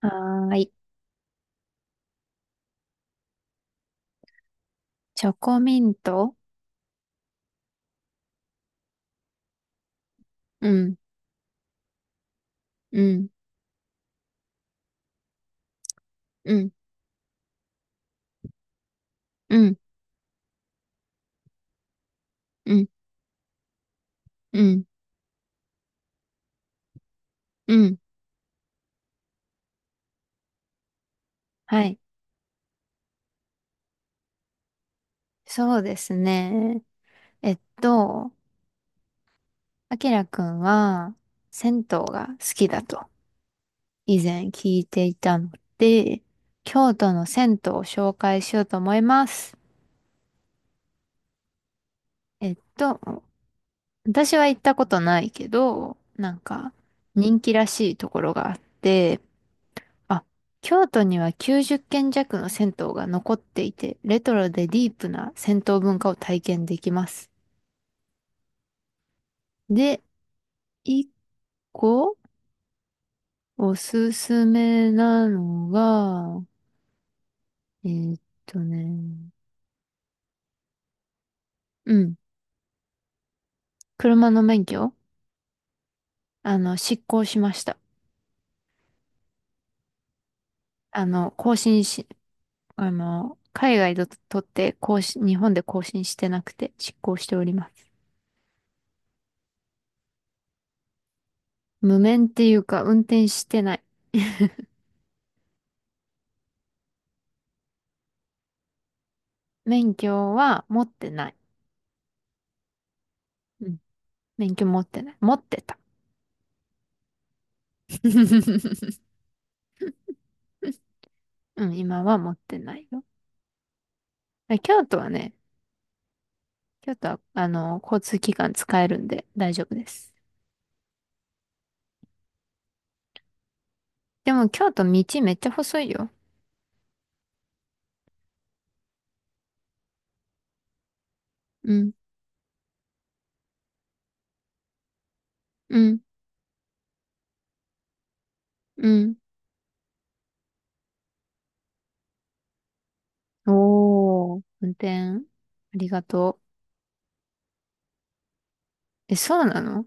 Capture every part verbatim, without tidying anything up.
はーい。チョコミント。うん、うん、うん、うん、うん、うん、うん。はい。そうですね。えっと、あきらくんは、銭湯が好きだと以前聞いていたので、京都の銭湯を紹介しようと思います。えっと、私は行ったことないけど、なんか人気らしいところがあって、あ、京都にはきゅうじゅっけん軒弱の銭湯が残っていて、レトロでディープな銭湯文化を体験できます。で、一個おすすめなのが、えーっとね、うん、車の免許、あの、失効しました。あの、更新し、あの、海外で取って更新、日本で更新してなくて失効しております。無免っていうか、運転してない。免許は持ってない。免許持ってない。持ってた。うん、今は持ってないよ。京都はね、京都は、あの、交通機関使えるんで大丈夫です。でも京都道めっちゃ細いよ。うん、うん、うん。おー、運転、ありがとう。え、そうなの？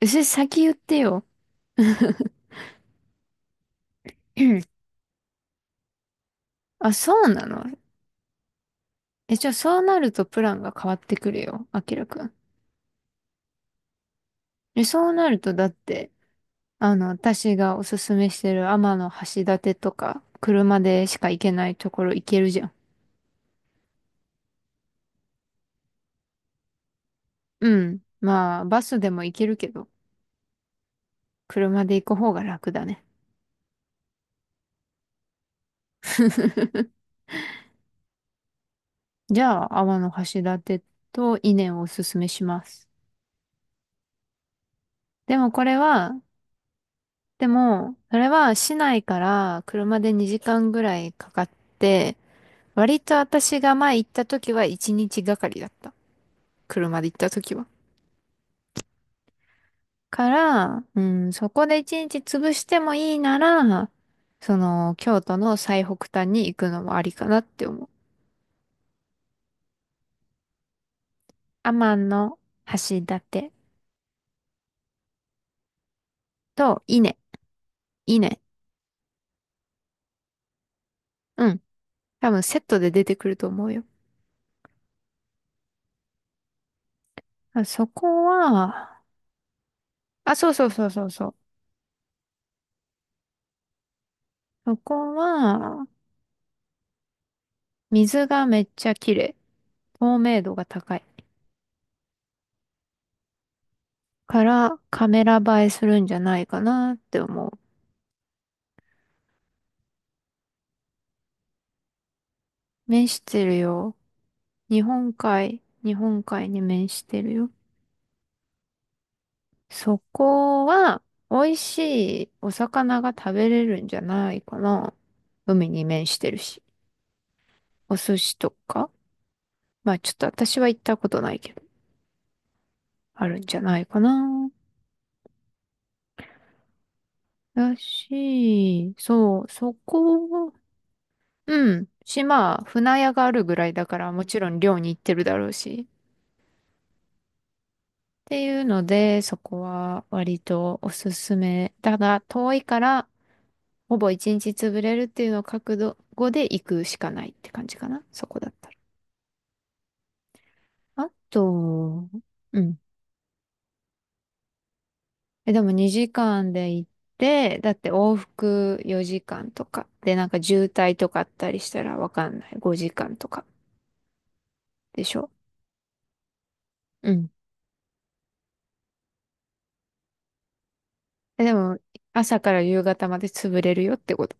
え、それ先言ってよ。あ、そうなの？え、じゃあそうなるとプランが変わってくるよ、あきらくん。え、そうなるとだって、あの、私がおすすめしてる天橋立とか、車でしか行けないところ行けるじゃん。うん。まあ、バスでも行けるけど、車で行く方が楽だね。じゃあ、天橋立と伊根をおすすめします。でもこれは、でも、それは市内から車でにじかんぐらいかかって、割と私が前行った時はいちにちがかりだった。車で行った時は。から、うん、そこで一日潰してもいいなら、その、京都の最北端に行くのもありかなって思う。天の橋立と伊根、伊根、うん。多分セットで出てくると思うよ。あそこは、あ、そうそうそうそうそう。そこは水がめっちゃ綺麗。透明度が高い。からカメラ映えするんじゃないかなって思う。面してるよ。日本海、日本海に面してるよ。そこは美味しいお魚が食べれるんじゃないかな。海に面してるし。お寿司とか。まあちょっと私は行ったことないけど、あるんじゃないかな。だし、そう、そこ、うん。島、船屋があるぐらいだから、もちろん漁に行ってるだろうし。っていうので、そこは割とおすすめ。ただ、遠いから、ほぼ一日潰れるっていうのを覚悟で行くしかないって感じかな。そこだったら。あと、うん。え、でもにじかんで行って、だって往復よじかんとか。で、なんか渋滞とかあったりしたらわかんない。ごじかんとかでしょ？うん。え、でも、朝から夕方まで潰れるよってこと。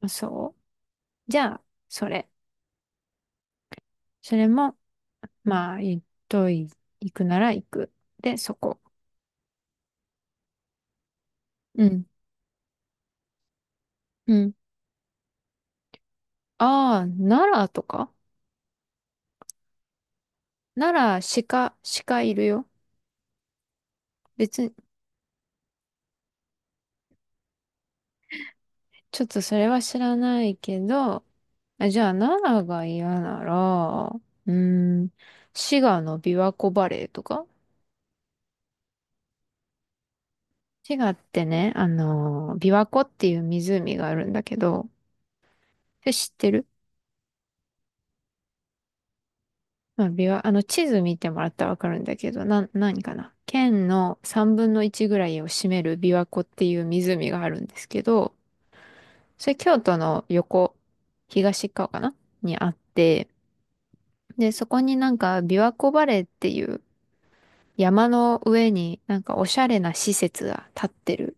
あ、そう。じゃあ、それ。それも、まあ、行っとい、行くなら行く。で、そこ。うん。うん。ああ、奈良とか。奈良、鹿、鹿いるよ。別に、ちょっとそれは知らないけど、あ、じゃあ、奈良が嫌なら、うーん、滋賀の琵琶湖バレーとか。滋賀ってね、あのー、琵琶湖っていう湖があるんだけど、それ知ってる？まあ、琵琶、あの、地図見てもらったらわかるんだけど、な、何かな県のさんぶんのいちぐらいを占める琵琶湖っていう湖があるんですけど、それ京都の横、東側かなにあって、で、そこになんか琵琶湖バレーっていう山の上になんかおしゃれな施設が建ってる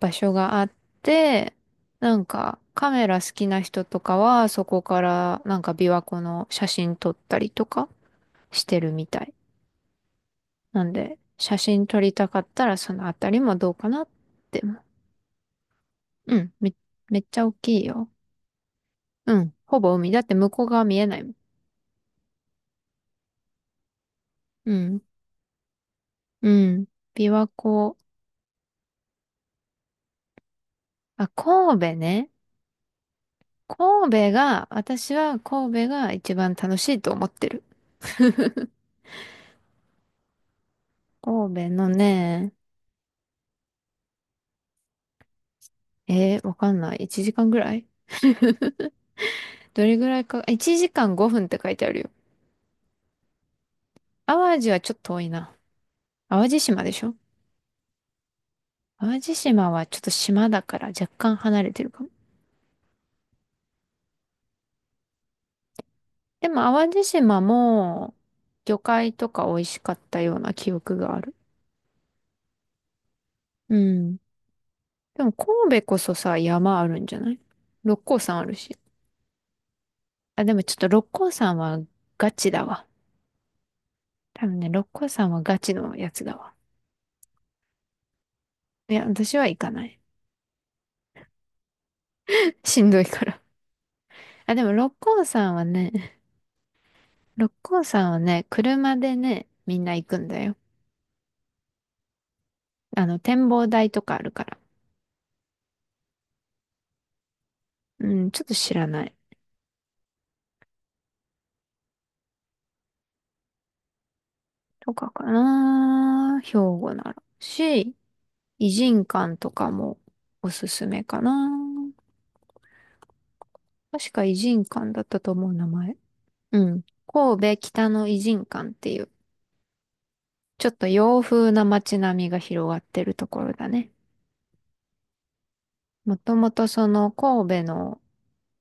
場所があって、なんかカメラ好きな人とかはそこからなんか琵琶湖の写真撮ったりとかしてるみたい。なんで写真撮りたかったらそのあたりもどうかなって。うん、め、めっちゃ大きいよ。うん、ほぼ海。だって向こう側見えないもん。うん、うん。琵琶湖。あ、神戸ね。神戸が、私は神戸が一番楽しいと思ってる。神戸のね、えー、わかんない。いちじかんぐらいどれぐらいか、いちじかんごふんって書いてあるよ。淡路はちょっと遠いな。淡路島でしょ？淡路島はちょっと島だから若干離れてるかも。でも淡路島も魚介とか美味しかったような記憶がある。うん。でも神戸こそさ、山あるんじゃない？六甲山あるし。あ、でもちょっと六甲山はガチだわ。多分ね、六甲山はガチのやつだわ。いや、私は行かない。しんどいから。あ、でも六甲山はね、六甲山はね、車でね、みんな行くんだよ。あの、展望台とかあるから。うん、ちょっと知らない。とかかな。兵庫なら。し、異人館とかもおすすめかな。確か異人館だったと思う名前。うん。神戸北の異人館っていう、ちょっと洋風な街並みが広がってるところだね。もともとその神戸の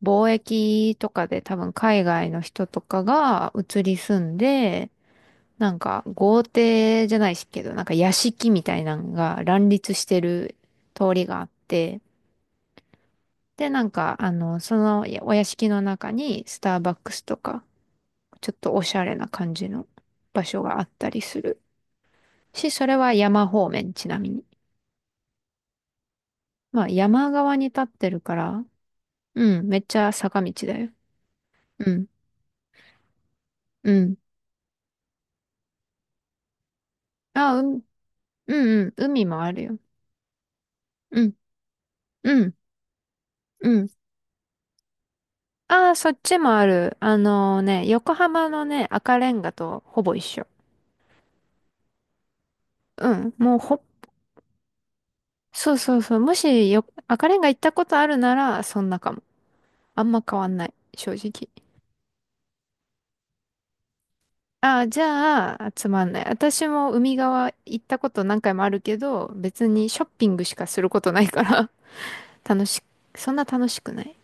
貿易とかで多分海外の人とかが移り住んで、なんか豪邸じゃないしけど、なんか屋敷みたいなのが乱立してる通りがあって、で、なんかあの、そのお屋敷の中にスターバックスとか、ちょっとおしゃれな感じの場所があったりするし、それは山方面ちなみに。まあ山側に立ってるから、うん、めっちゃ坂道だよ。うん、うん。あ、うん、うん、うん、海もあるよ。うん、うん、うん。ああ、そっちもある。あのね、横浜のね、赤レンガとほぼ一緒。うん、もうほ、そうそうそう。もしよ、赤レンガ行ったことあるなら、そんなかも。あんま変わんない、正直。ああ、じゃあ、つまんない。私も海側行ったこと何回もあるけど、別にショッピングしかすることないから、楽し、そんな楽しくない。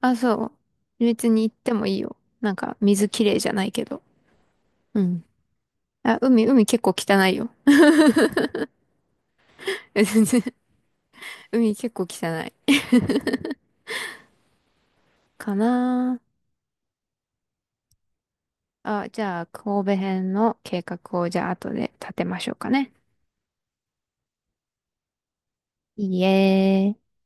あ、そう。別に行ってもいいよ。なんか、水きれいじゃないけど。うん。あ、海、海結構汚いよ。海結構汚いかなあ。じゃあ、神戸編の計画をじゃあ後で立てましょうかね。いいえ。